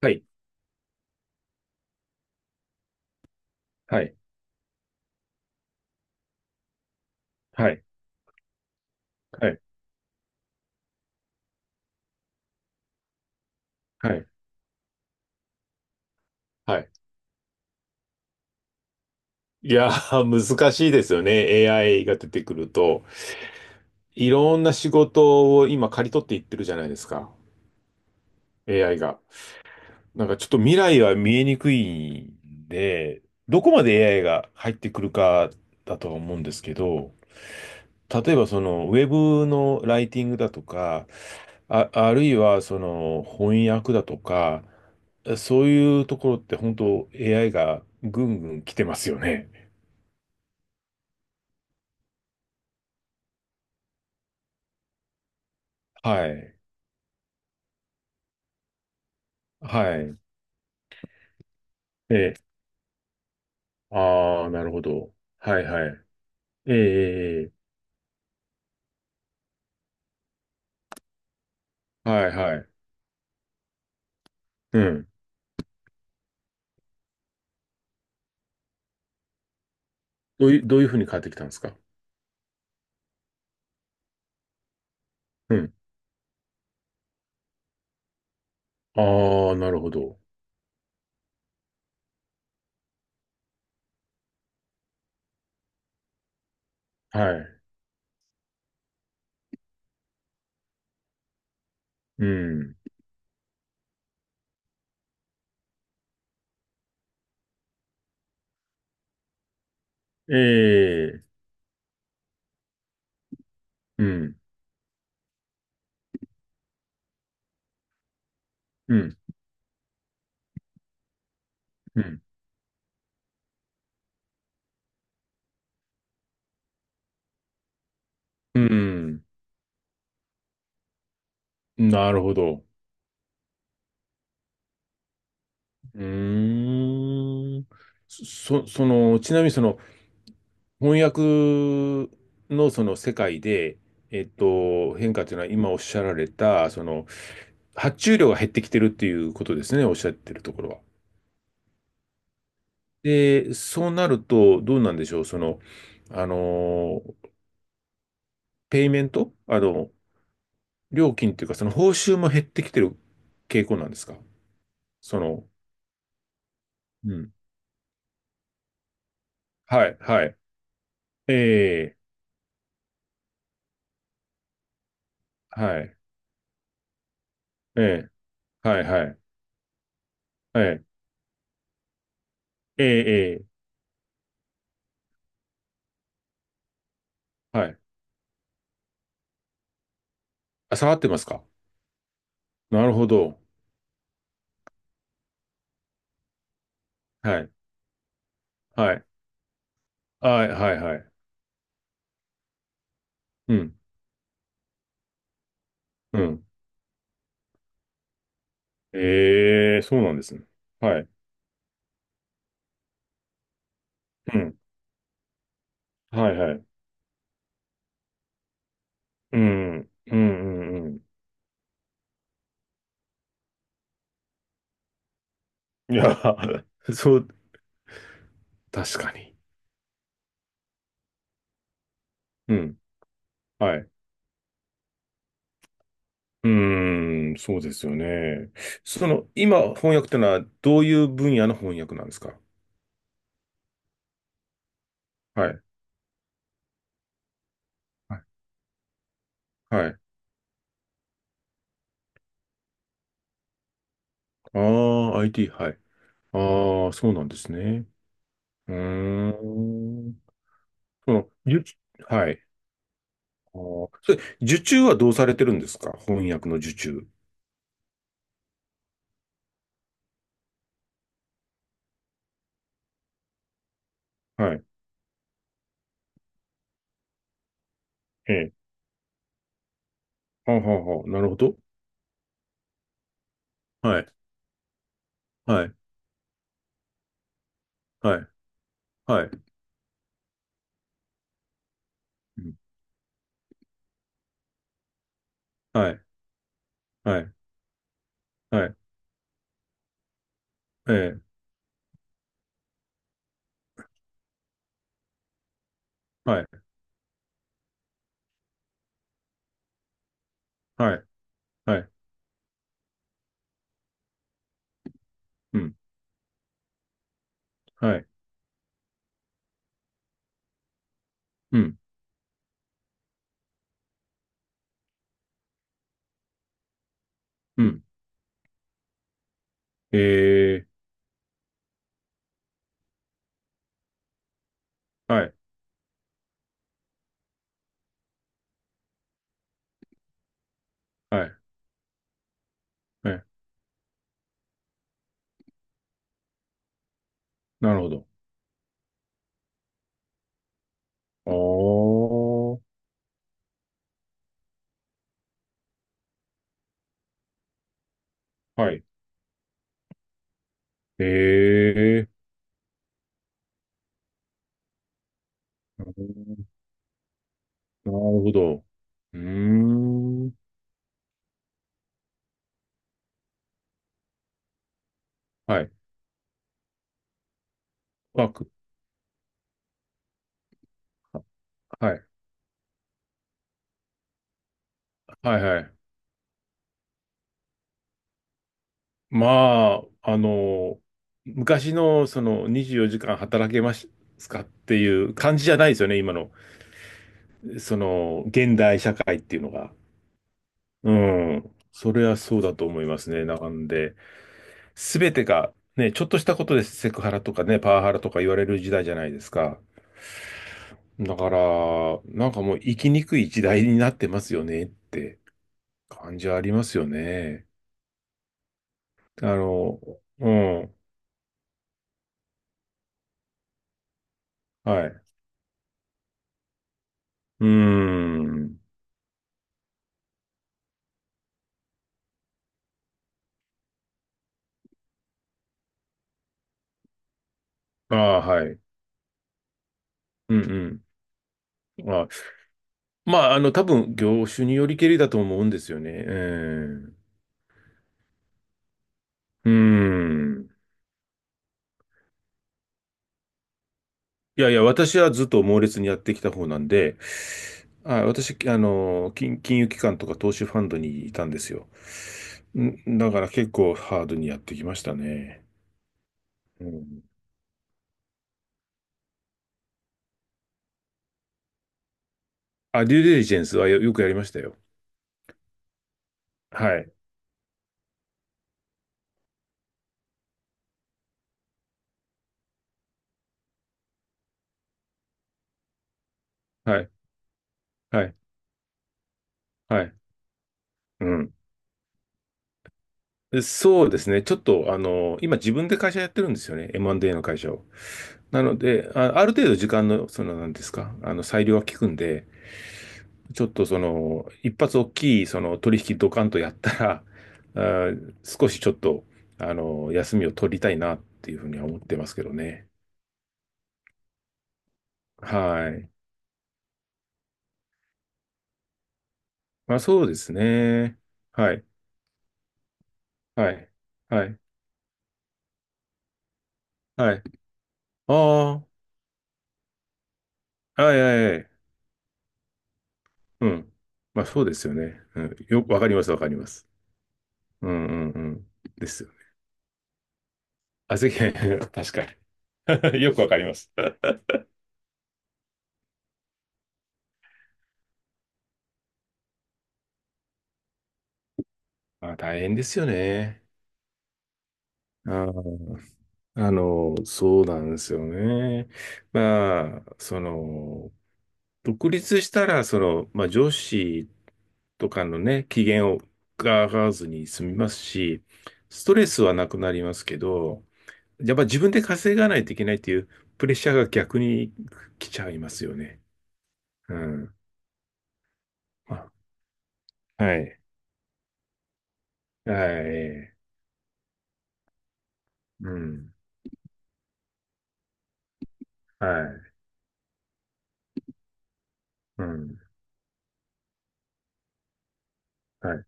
はい、はい、はい、はい、はい。はい。いやー、難しいですよね。AI が出てくると。いろんな仕事を今刈り取っていってるじゃないですか。AI が。なんかちょっと未来は見えにくいんで、どこまで AI が入ってくるかだとは思うんですけど、例えばそのウェブのライティングだとか、あるいはその翻訳だとか、そういうところって本当 AI がぐんぐん来てますよね。はい。はい。えああ、なるほど。はいはい。ええ。はいはい。うん。どういうふうに変わってきたんですか？うん。ああ、なるほど。はい。うん。ええ。うん。うん。うん。うん。なるほど。うーん。その、ちなみにその、翻訳のその世界で、変化というのは今おっしゃられた、その、発注量が減ってきてるっていうことですね、おっしゃってるところは。で、そうなると、どうなんでしょう、その、あの、ペイメント、料金っていうか、その報酬も減ってきてる傾向なんですか、その。うん。はい、はい。ええ、はい、ええ、はい、はい、ええ、ええ、ええ。はい。あ、下がってますか？なるほど。はい。はいはいはいはい。うん。うん。ええ、そうなんですね。はい。うん。はいはい。うん。うんうんうん。いや、そう、確かに。うん。はい。うーん、そうですよね。その、今、翻訳ってのは、どういう分野の翻訳なんですか？はい。はい。はい。ああ、IT、はい。ああ、そうなんですね。うーん。その、受はい。それ、受注はどうされてるんですか？翻訳の受注。はい。ええ。はあはあはあ。なるほど。はい。はい。はい。はい。うん。はい。はい。はい。ええ。はい。はい。はい。うん。はい。うん。うん。ええ。はい。はい。はい。なるほど。おー。はい。ええ。なるほど。うーん。はい。ワーク。はい。はいはい。まあ、昔のその24時間働けますかっていう感じじゃないですよね、今の。その、現代社会っていうのが。うん。それはそうだと思いますね。なんで、すべてが、ね、ちょっとしたことでセクハラとかね、パワハラとか言われる時代じゃないですか。だから、なんかもう生きにくい時代になってますよねって感じはありますよね。あの、うん。はい。うーん。ああ、はい。うんうん。あ、まあ、多分、業種によりけりだと思うんですよね。うん。うん。いやいや、私はずっと猛烈にやってきた方なんで、あ、私、金融機関とか投資ファンドにいたんですよ。だから結構ハードにやってきましたね。うん。あ、デューデリジェンスはよくやりましたよ。はい。はい。はい。はい。うん。でそうですね。ちょっと、今自分で会社やってるんですよね。M&A の会社を。なので、ある程度時間の、その、なんですか、裁量は効くんで、ちょっとその、一発大きいその取引ドカンとやったら、少しちょっと、休みを取りたいなっていうふうには思ってますけどね。はい。まあそうですね。はい。はい。はい。はい。ああ、はいはいはい。うん。まあそうですよね。うん。わかります、わかります。うんうんうん。ですよね。あ、ぜひ、確かに。よくわかります。まあ大変ですよね。うん。そうなんですよね。まあ、その、独立したら、その、まあ、上司とかのね、機嫌をが上がらずに済みますし、ストレスはなくなりますけど、やっぱ自分で稼がないといけないっていうプレッシャーが逆に来ちゃいますよね。うん。まあはい。はい。うん。はい。うん。はい。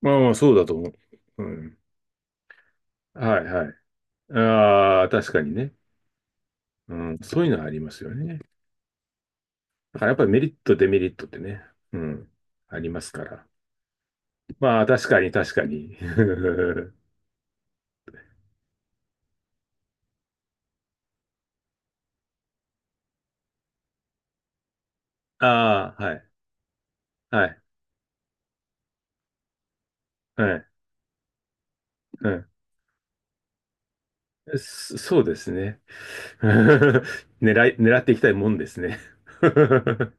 まあまあ、そうだと思う。うん。はい、はい。ああ、確かにね。うん、そういうのはありますよね。だからやっぱりメリット、デメリットってね、うん、ありますから。まあ、確かに、確かに。ああ、はい、はい、はい、うん。そうですね。狙っていきたいもんですね。